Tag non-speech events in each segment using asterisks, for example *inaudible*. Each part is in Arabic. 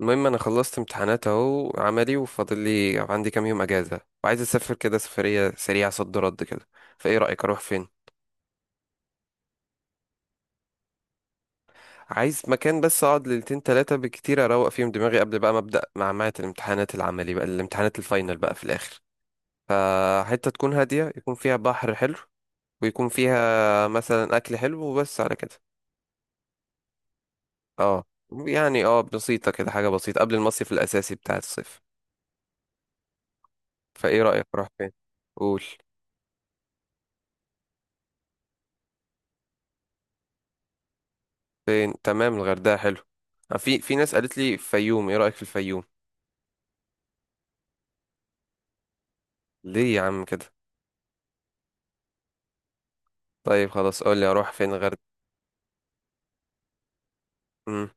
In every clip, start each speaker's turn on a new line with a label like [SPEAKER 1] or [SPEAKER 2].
[SPEAKER 1] المهم انا خلصت امتحانات اهو عملي، وفاضل لي عندي كام يوم اجازه وعايز اسافر كده سفريه سريعه صد رد كده. فايه رايك اروح فين؟ عايز مكان بس اقعد ليلتين تلاتة بالكتير اروق فيهم دماغي قبل بقى ما ابدا معمعة الامتحانات العملي بقى الامتحانات الفاينل بقى في الاخر. فحته تكون هاديه، يكون فيها بحر حلو، ويكون فيها مثلا اكل حلو وبس على كده. اه، يعني اه بسيطه كده، حاجه بسيطه قبل المصيف الاساسي بتاع الصيف. فايه رايك اروح فين؟ قول. فين؟ تمام، الغردقة حلو. في ناس قالت لي فيوم، ايه رأيك في الفيوم؟ ليه يا عم كده؟ طيب خلاص قول لي اروح فين غير؟ امم.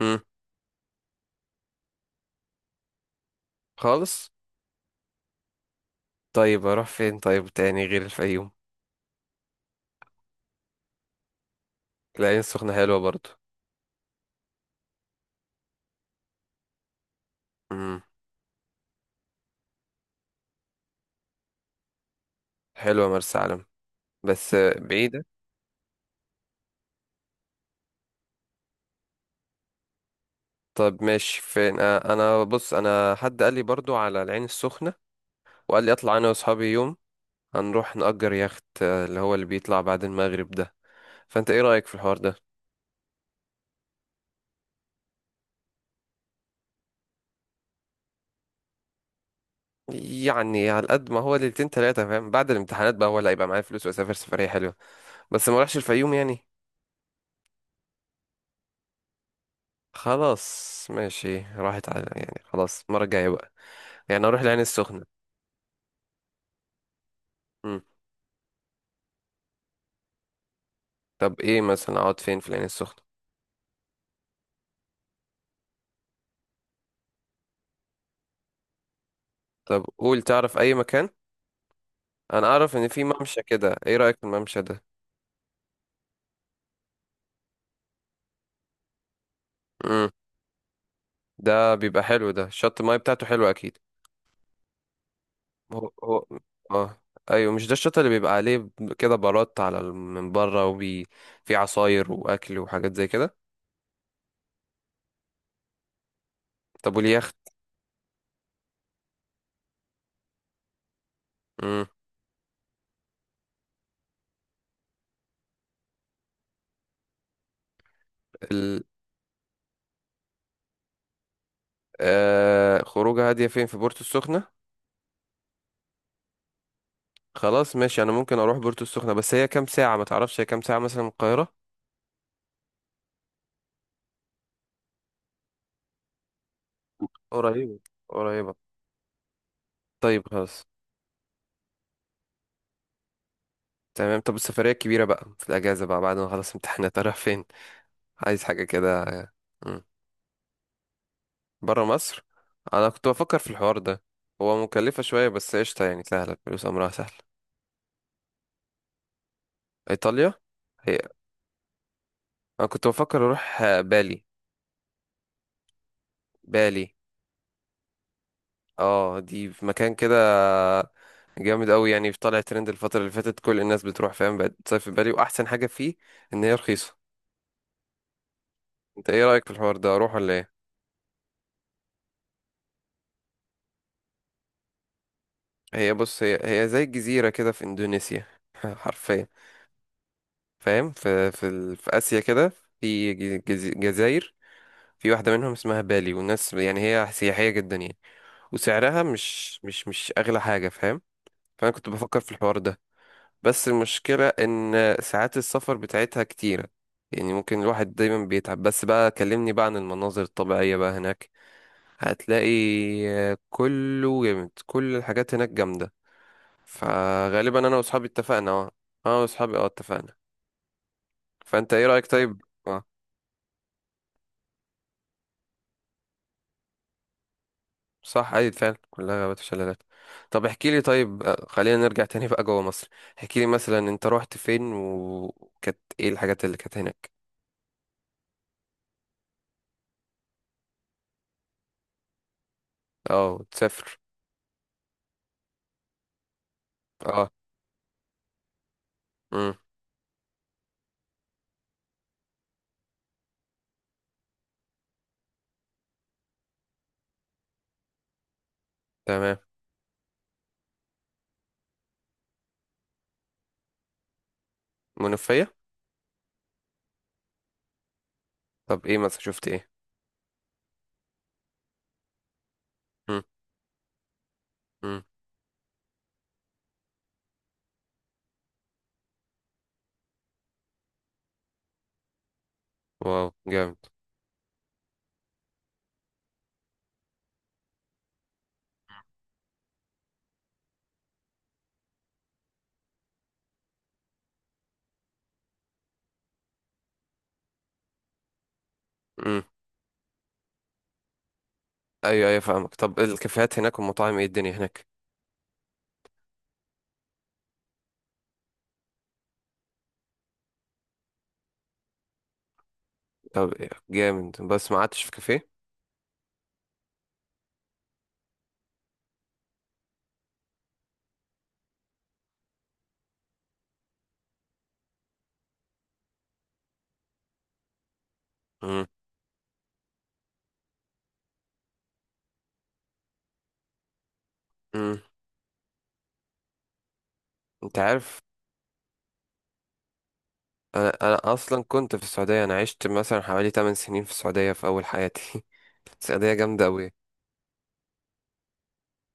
[SPEAKER 1] امم. خالص. طيب اروح فين طيب تاني غير الفيوم؟ العين السخنة حلوة برضو. امم. حلوة مرسى علم. بس بعيدة. طب ماشي فين؟ انا بص، انا حد قال لي برضو على العين السخنة، وقال لي اطلع انا واصحابي يوم هنروح نأجر يخت اللي هو اللي بيطلع بعد المغرب ده. فانت ايه رأيك في الحوار ده؟ يعني على قد ما هو ليلتين تلاتة فاهم، بعد الامتحانات بقى هو اللي هيبقى معايا فلوس وأسافر سفرية حلوة. بس ما اروحش الفيوم يعني. خلاص ماشي، راحت على، يعني خلاص المرة الجاية بقى. يعني أروح العين السخنة. مم. طب إيه مثلا أقعد فين في العين السخنة؟ طب قول. تعرف أي مكان؟ أنا أعرف إن في ممشى كده، إيه رأيك في الممشى ده؟ مم. ده بيبقى حلو، ده شط الماية بتاعته حلوة أكيد. هو. آه. أيوة مش ده الشط اللي بيبقى عليه كده بارات على من بره وبي، في عصاير وأكل وحاجات زي كده. طب واليخت؟ مم. ال... خروجة هادية فين في بورتو السخنة. خلاص ماشي، انا ممكن اروح بورتو السخنة. بس هي كام ساعة، ما تعرفش هي كام ساعة مثلا من القاهرة؟ قريبة. قريبة. طيب خلاص. تمام. طب السفرية الكبيرة بقى في الأجازة بقى بعد ما خلص امتحانات، أروح فين؟ عايز حاجة كده. مم. برا مصر. أنا كنت بفكر في الحوار ده. هو مكلفة شوية بس قشطة، يعني سهلة، الفلوس أمرها سهل. إيطاليا. هي، أنا كنت بفكر أروح بالي. بالي. اه، دي في مكان كده جامد قوي يعني، في طالع ترند الفترة اللي فاتت، كل الناس بتروح فاهم، بقت تصيف في بالي. واحسن حاجة فيه ان هي رخيصة. انت ايه رأيك في الحوار ده، اروح ولا ايه؟ هي بص، هي زي الجزيرة كده في اندونيسيا. *laughs* حرفيا. فاهم في اسيا كده، جزاير، في واحدة منهم اسمها بالي، والناس يعني هي سياحية جدا يعني. وسعرها مش اغلى حاجة فاهم. فانا كنت بفكر في الحوار ده. بس المشكلة إن ساعات السفر بتاعتها كتيرة، يعني ممكن الواحد دايما بيتعب. بس بقى كلمني بقى عن المناظر الطبيعية بقى هناك. هتلاقي كله جامد، كل الحاجات هناك جامدة. فغالبا أنا وأصحابي اتفقنا، اه. أنا وأصحابي اه اتفقنا. فأنت إيه رأيك طيب؟ اه. صح، أيوة فعلا كلها غابات وشلالات. طب احكي لي طيب، خلينا نرجع تاني بقى جوه مصر. احكي لي مثلا أنت روحت فين، وكانت إيه الحاجات اللي كانت هناك. اه تسافر. اه. امم. تمام. منوفية. طب ايه مثلا شفت ايه؟ مم. مم. واو، جامد. مم. ايوه ايوه فاهمك. طب الكافيهات هناك والمطاعم ايه الدنيا هناك؟ طب إيه؟ جامد، بس ما قعدتش في كافيه. مم. مم. انت عارف، انا انا اصلا كنت في السعودية، انا عشت مثلا حوالي 8 سنين في السعودية في اول حياتي. *laughs* السعودية جامدة أوي.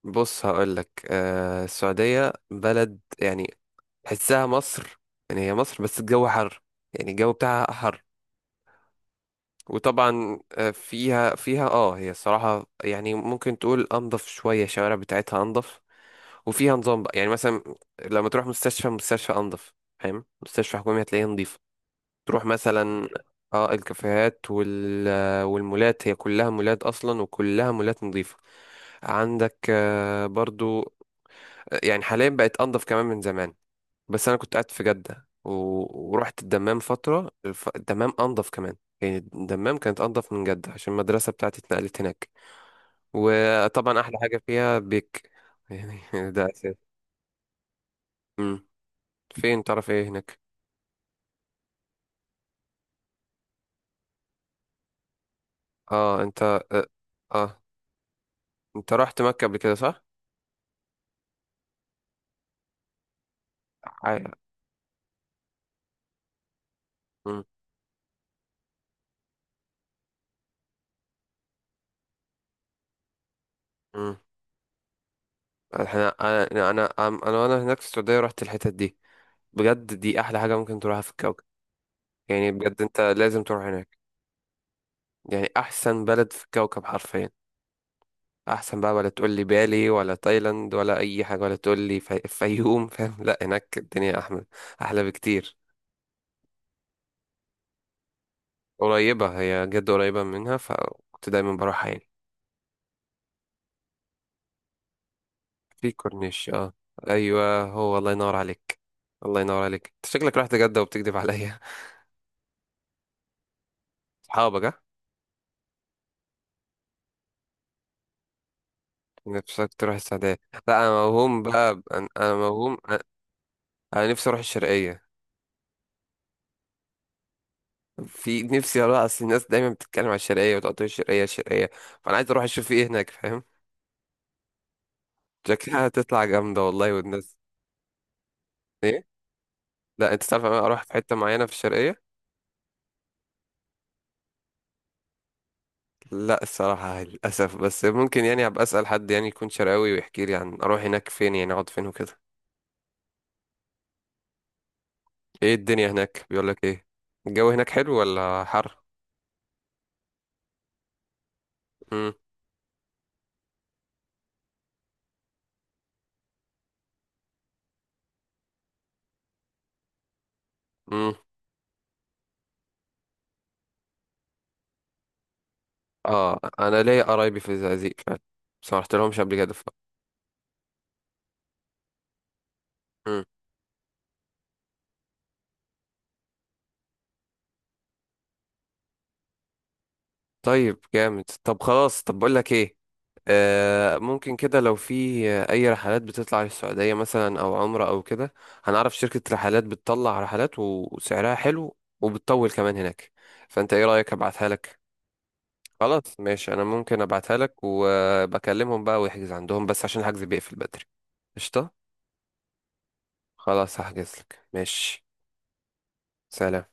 [SPEAKER 1] بص هقولك، آه، السعودية بلد يعني تحسها مصر، يعني هي مصر بس الجو حر، يعني الجو بتاعها حر. وطبعا فيها اه، هي الصراحة يعني ممكن تقول انضف شوية، الشوارع بتاعتها انضف، وفيها نظام بقى. يعني مثلا لما تروح مستشفى، مستشفى انضف، فاهم، مستشفى حكومي هتلاقيها نظيفة. تروح مثلا، اه الكافيهات وال، والمولات هي كلها مولات اصلا، وكلها مولات نظيفة. عندك برضو، يعني حاليا بقت انضف كمان من زمان. بس انا كنت قاعد في جدة ورحت الدمام فترة، الدمام انضف كمان، يعني الدمام كانت انضف من جدة عشان المدرسة بتاعتي اتنقلت هناك. وطبعا احلى حاجة فيها بيك، يعني *laughs* ده اساس. امم. فين تعرف ايه هناك؟ اه انت. اه, آه. انت رحت مكة قبل كده صح؟ عاي- امم. امم. احنا انا وانا هناك في السعودية رحت الحتت دي. بجد، دي احلى حاجة ممكن تروحها في الكوكب. يعني بجد انت لازم تروح هناك. يعني احسن بلد في الكوكب حرفيا. احسن بقى، ولا تقول لي بالي، ولا تايلاند، ولا اي حاجه، ولا تقول لي فيوم. *laughs* فاهم؟ لا هناك الدنيا احلى، احلى بكتير. قريبه، هي جد قريبه منها، فكنت دايما بروحها يعني. في كورنيش، اه. ايوه هو، الله ينور عليك. الله ينور عليك، انت شكلك رحت جده وبتكذب عليا. *laughs* صحابك، ها. نفسك تروح السعوديه. لا انا موهوم بقى، انا، موهوم انا. أنا نفسي اروح الشرقيه. في نفسي اروح، اصل الناس دايما بتتكلم على الشرقيه وتقول الشرقيه الشرقيه، فانا عايز اروح اشوف ايه هناك فاهم. شكلها هتطلع جامدة والله والناس. ايه؟ لا انت تعرف، انا اروح في حتة معينة في الشرقية. لا الصراحة للأسف، بس ممكن يعني ابقى اسأل حد يعني يكون شرقاوي ويحكي لي عن اروح هناك فين، يعني اقعد فين وكده. ايه الدنيا هناك، بيقول لك ايه؟ الجو هناك حلو ولا حر؟ امم. امم. اه انا ليا قرايبي في الزقازيق فعلا. بس ما رحت لهمش قبل كده مم. طيب جامد. طب خلاص، طب بقول لك ايه، ممكن كده لو في اي رحلات بتطلع للسعودية مثلا او عمرة او كده. هنعرف شركة رحلات بتطلع رحلات وسعرها حلو وبتطول كمان هناك. فانت ايه رأيك ابعتها لك؟ خلاص ماشي، انا ممكن ابعتها لك وبكلمهم بقى ويحجز عندهم، بس عشان الحجز بيقفل بدري. قشطة. خلاص هحجز لك، ماشي. سلام.